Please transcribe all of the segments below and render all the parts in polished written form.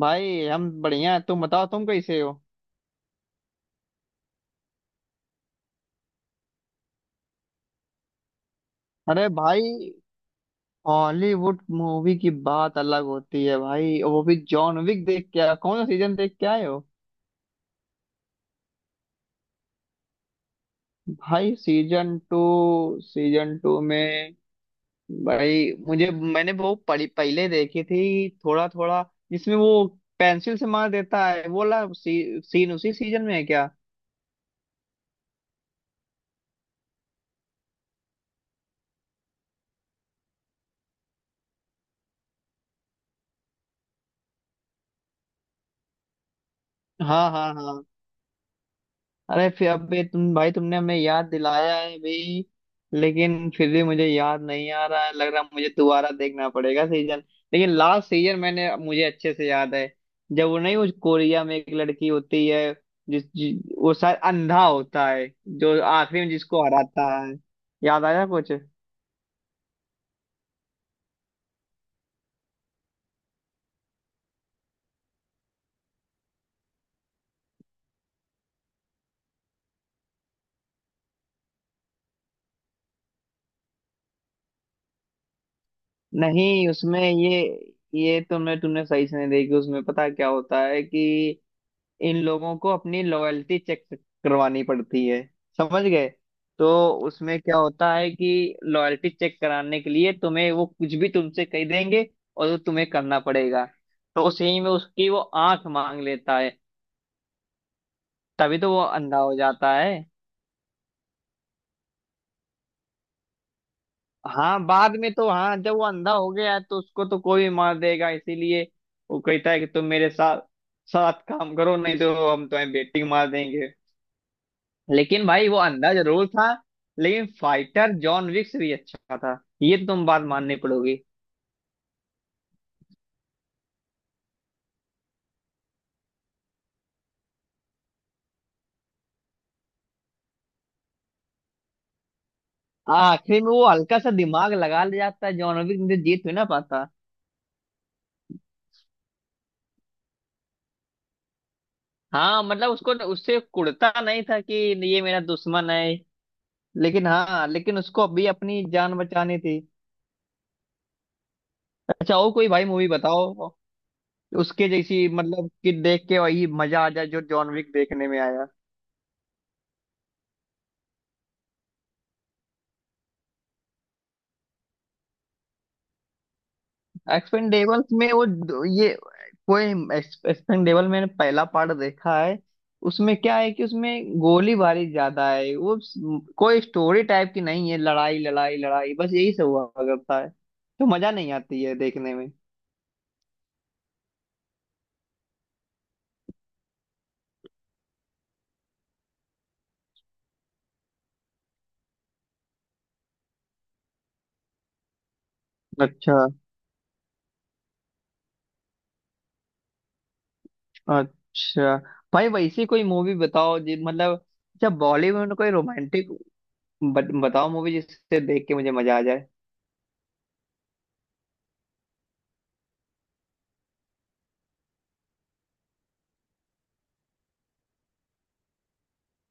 भाई, हम बढ़िया हैं। तुम बताओ, तुम कैसे हो? अरे भाई, हॉलीवुड मूवी की बात अलग होती है भाई। वो भी जॉन विक देख के आया, कौन सा सीजन देख के आए हो? भाई सीजन टू। सीजन टू में भाई मुझे मैंने वो पड़ी पहले देखी थी, थोड़ा थोड़ा। जिसमें वो पेंसिल से मार देता है, वो वाला सीन उसी सीजन में है क्या? हाँ, हाँ, हाँ। अरे फिर अबे तुम भाई तुमने हमें याद दिलाया है भाई। लेकिन फिर भी मुझे याद नहीं आ रहा है। लग रहा है मुझे दोबारा देखना पड़ेगा सीजन। लेकिन लास्ट सीजन मैंने मुझे अच्छे से याद है। जब वो नहीं, उस कोरिया में एक लड़की होती है। वो शायद अंधा होता है। जो आखिरी में जिसको हराता है। याद आया कुछ? नहीं उसमें ये तुमने तुमने सही से नहीं देखी। उसमें पता क्या होता है कि इन लोगों को अपनी लॉयल्टी चेक करवानी पड़ती है। समझ गए? तो उसमें क्या होता है कि लॉयल्टी चेक कराने के लिए तुम्हें वो कुछ भी तुमसे कह देंगे। और वो तुम्हें करना पड़ेगा। तो उस ही में उसकी वो आंख मांग लेता है। तभी तो वो अंधा हो जाता है। हाँ बाद में तो, हाँ, जब वो अंधा हो गया है, तो उसको तो कोई मार देगा, इसीलिए वो कहता है कि तुम मेरे साथ साथ काम करो, नहीं तो हम तुम्हें बेटिंग मार देंगे। लेकिन भाई वो अंधा जरूर था। लेकिन फाइटर जॉन विक्स भी अच्छा था, ये तो तुम बात माननी पड़ोगी। आखिरी में वो हल्का सा दिमाग लगा ले जाता है जॉन विक, नहीं तो जीत भी ना पाता। हाँ मतलब उसको तो, उससे कुड़ता नहीं था कि ये मेरा दुश्मन है। लेकिन हाँ, लेकिन उसको अभी अपनी जान बचानी थी। अच्छा, और कोई भाई मूवी बताओ। उसके जैसी, मतलब कि देख के वही मजा आ जाए जो जॉन विक देखने में आया। एक्सपेंडेबल्स में वो ये कोई एक्सपेंडेबल, मैंने पहला पार्ट देखा है। उसमें क्या है कि उसमें गोलीबारी ज्यादा है। वो कोई स्टोरी टाइप की नहीं है। लड़ाई लड़ाई लड़ाई बस यही सब हुआ करता है, तो मजा नहीं आती है देखने में। अच्छा। अच्छा भाई, वैसी कोई मूवी बताओ जी, मतलब, अच्छा बॉलीवुड में कोई रोमांटिक बताओ मूवी, जिससे देख के मुझे मजा आ जाए।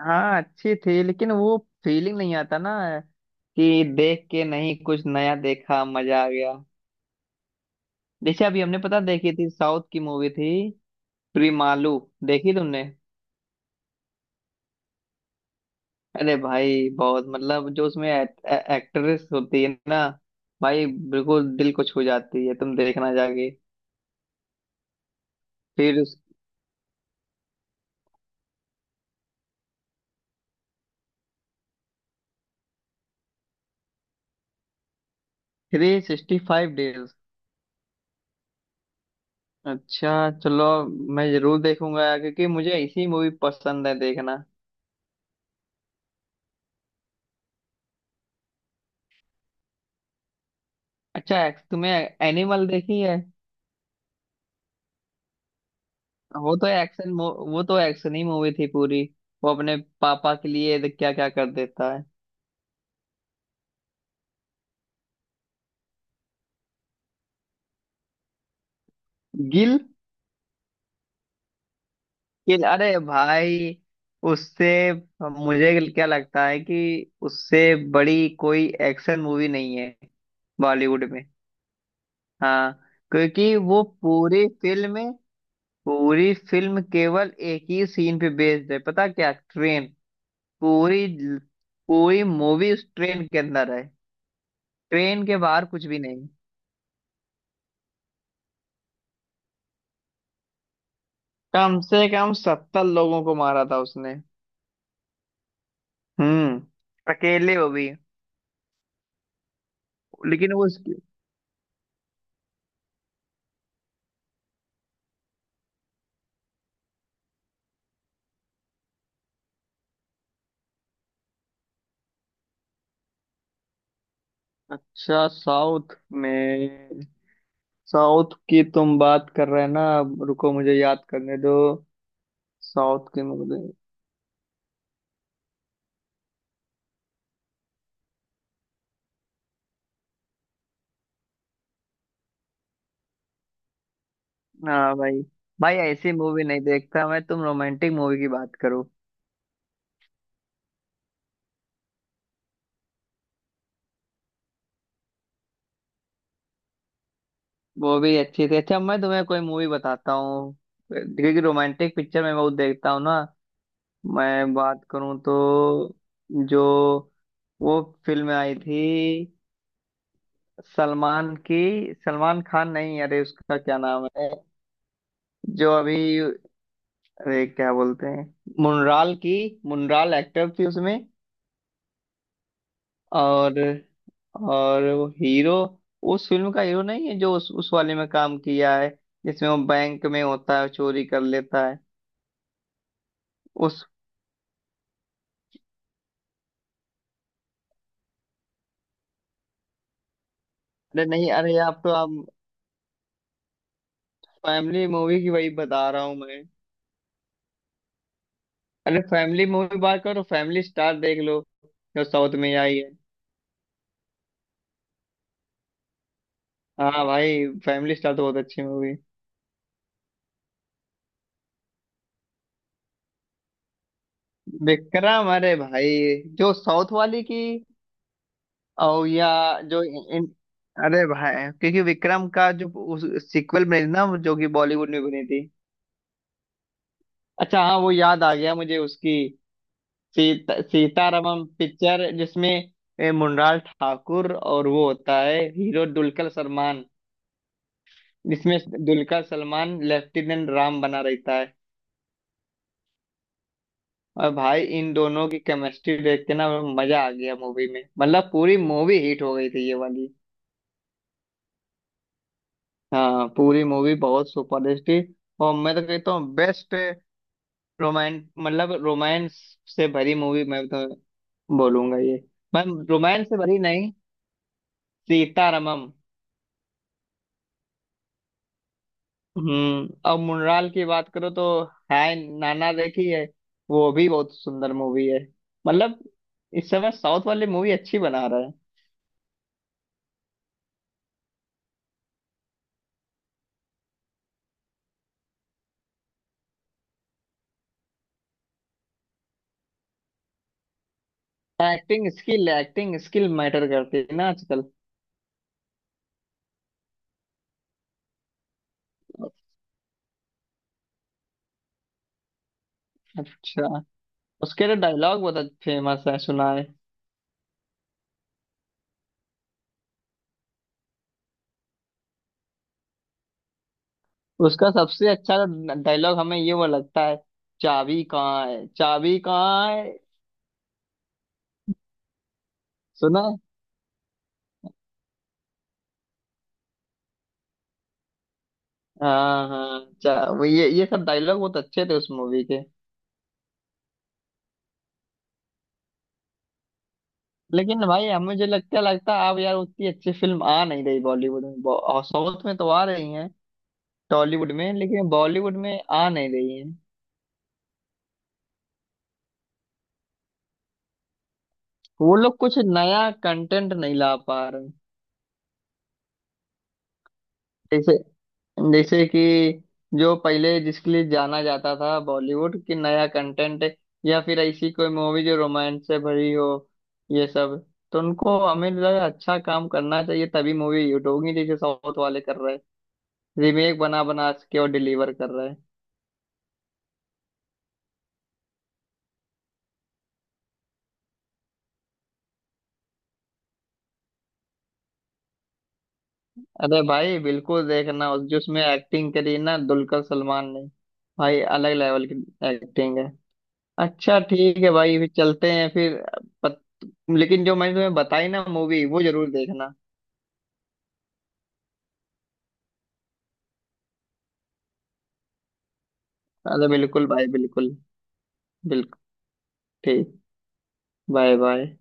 हाँ अच्छी थी, लेकिन वो फीलिंग नहीं आता ना, कि देख के नहीं कुछ नया देखा, मजा आ गया। जैसे अभी हमने पता देखी थी, साउथ की मूवी थी प्रीमालू। देखी तुमने? अरे भाई बहुत, मतलब जो उसमें एक्ट्रेस होती है ना भाई, बिल्कुल दिल को छू जाती है। तुम देखना जाके। फिर, 365 डेज। अच्छा। चलो, मैं जरूर देखूंगा यार, क्योंकि मुझे इसी मूवी पसंद है देखना। अच्छा तुमने एनिमल देखी है? वो तो एक्शन ही मूवी थी पूरी। वो अपने पापा के लिए क्या क्या कर देता है। गिल। गिल अरे भाई, उससे मुझे क्या लगता है कि उससे बड़ी कोई एक्शन मूवी नहीं है बॉलीवुड में। हाँ, क्योंकि वो पूरी फिल्म केवल एक ही सीन पे बेस्ड है, पता क्या? ट्रेन। पूरी पूरी मूवी उस ट्रेन के अंदर है। ट्रेन के बाहर कुछ भी नहीं। कम से कम 70 लोगों को मारा था उसने। हम्म। अकेले वो भी। लेकिन वो उसकी... अच्छा, में साउथ की तुम बात कर रहे हैं ना? अब रुको, मुझे याद करने दो। साउथ की मूवी। हाँ भाई, भाई ऐसी मूवी नहीं देखता मैं, तुम रोमांटिक मूवी की बात करो। वो भी अच्छी थी। अच्छा मैं तुम्हें कोई मूवी बताता हूँ, क्योंकि रोमांटिक पिक्चर मैं बहुत देखता हूँ ना। मैं बात करूँ तो, जो वो फिल्म आई थी सलमान की, सलमान खान नहीं, अरे उसका क्या नाम है जो अभी, अरे क्या बोलते हैं, मुनराल की, मुनराल एक्टर थी उसमें। और और वो हीरो, उस फिल्म का हीरो, नहीं है जो उस वाले में काम किया है, जिसमें वो बैंक में होता है, चोरी कर लेता है उस... अरे नहीं, अरे आप फैमिली मूवी की वही बता रहा हूँ मैं। अरे फैमिली मूवी बात करो, फैमिली स्टार देख लो जो साउथ में आई है। हाँ भाई, फैमिली स्टार तो बहुत अच्छी मूवी। विक्रम? अरे भाई जो साउथ वाली की, और या जो इन, अरे भाई, क्योंकि विक्रम का जो उस सीक्वल बनी थी ना, जो कि बॉलीवुड में बनी थी। अच्छा हाँ, वो याद आ गया मुझे, उसकी सीतारामम पिक्चर, जिसमें मुनलाल ठाकुर और वो होता है हीरो दुलकर सलमान। जिसमें दुलकर सलमान लेफ्टिनेंट राम बना रहता है। और भाई इन दोनों की केमिस्ट्री देख के ना, मजा आ गया मूवी में, मतलब पूरी मूवी हिट हो गई थी ये वाली। हाँ, पूरी मूवी बहुत सुपरहिट थी। और मैं तो कहता हूँ बेस्ट रोमांस, मतलब रोमांस से भरी मूवी मैं तो बोलूंगा ये। मैं रोमांस से भरी नहीं, सीतारमम। हम्म। और मुनराल की बात करो तो, है नाना देखी है? वो भी बहुत सुंदर मूवी है। मतलब, इस समय साउथ वाली मूवी अच्छी बना रहे हैं। एक्टिंग स्किल मैटर करती है ना आजकल। अच्छा, उसके तो डायलॉग बहुत फेमस है, सुना है। उसका सबसे अच्छा डायलॉग हमें ये वो लगता है, चाबी कहाँ है, चाबी कहाँ है? सुना है? हाँ हाँ, वो ये सब डायलॉग बहुत अच्छे थे उस मूवी के। लेकिन भाई हमें जो लगता लगता है, अब यार उतनी अच्छी फिल्म आ नहीं रही बॉलीवुड में, और साउथ में तो आ रही हैं, टॉलीवुड में, लेकिन बॉलीवुड में आ नहीं रही हैं। वो लोग कुछ नया कंटेंट नहीं ला पा रहे। जैसे जैसे कि जो पहले जिसके लिए जाना जाता था बॉलीवुड की, नया कंटेंट या फिर ऐसी कोई मूवी जो रोमांस से भरी हो, ये सब। तो उनको हमें लगा अच्छा काम करना चाहिए, तभी मूवी हिट होगी, जैसे साउथ वाले कर रहे हैं, रीमेक बना बना के और डिलीवर कर रहे हैं। अरे भाई बिल्कुल देखना उस, जिसमें एक्टिंग करी ना दुलकर सलमान ने। भाई अलग लेवल की एक्टिंग है। अच्छा ठीक है भाई, फिर चलते हैं फिर। पत... लेकिन जो मैंने तुम्हें बताई ना मूवी, वो जरूर देखना। अरे बिल्कुल भाई, बिल्कुल, बिल्कुल। ठीक। Bye, bye.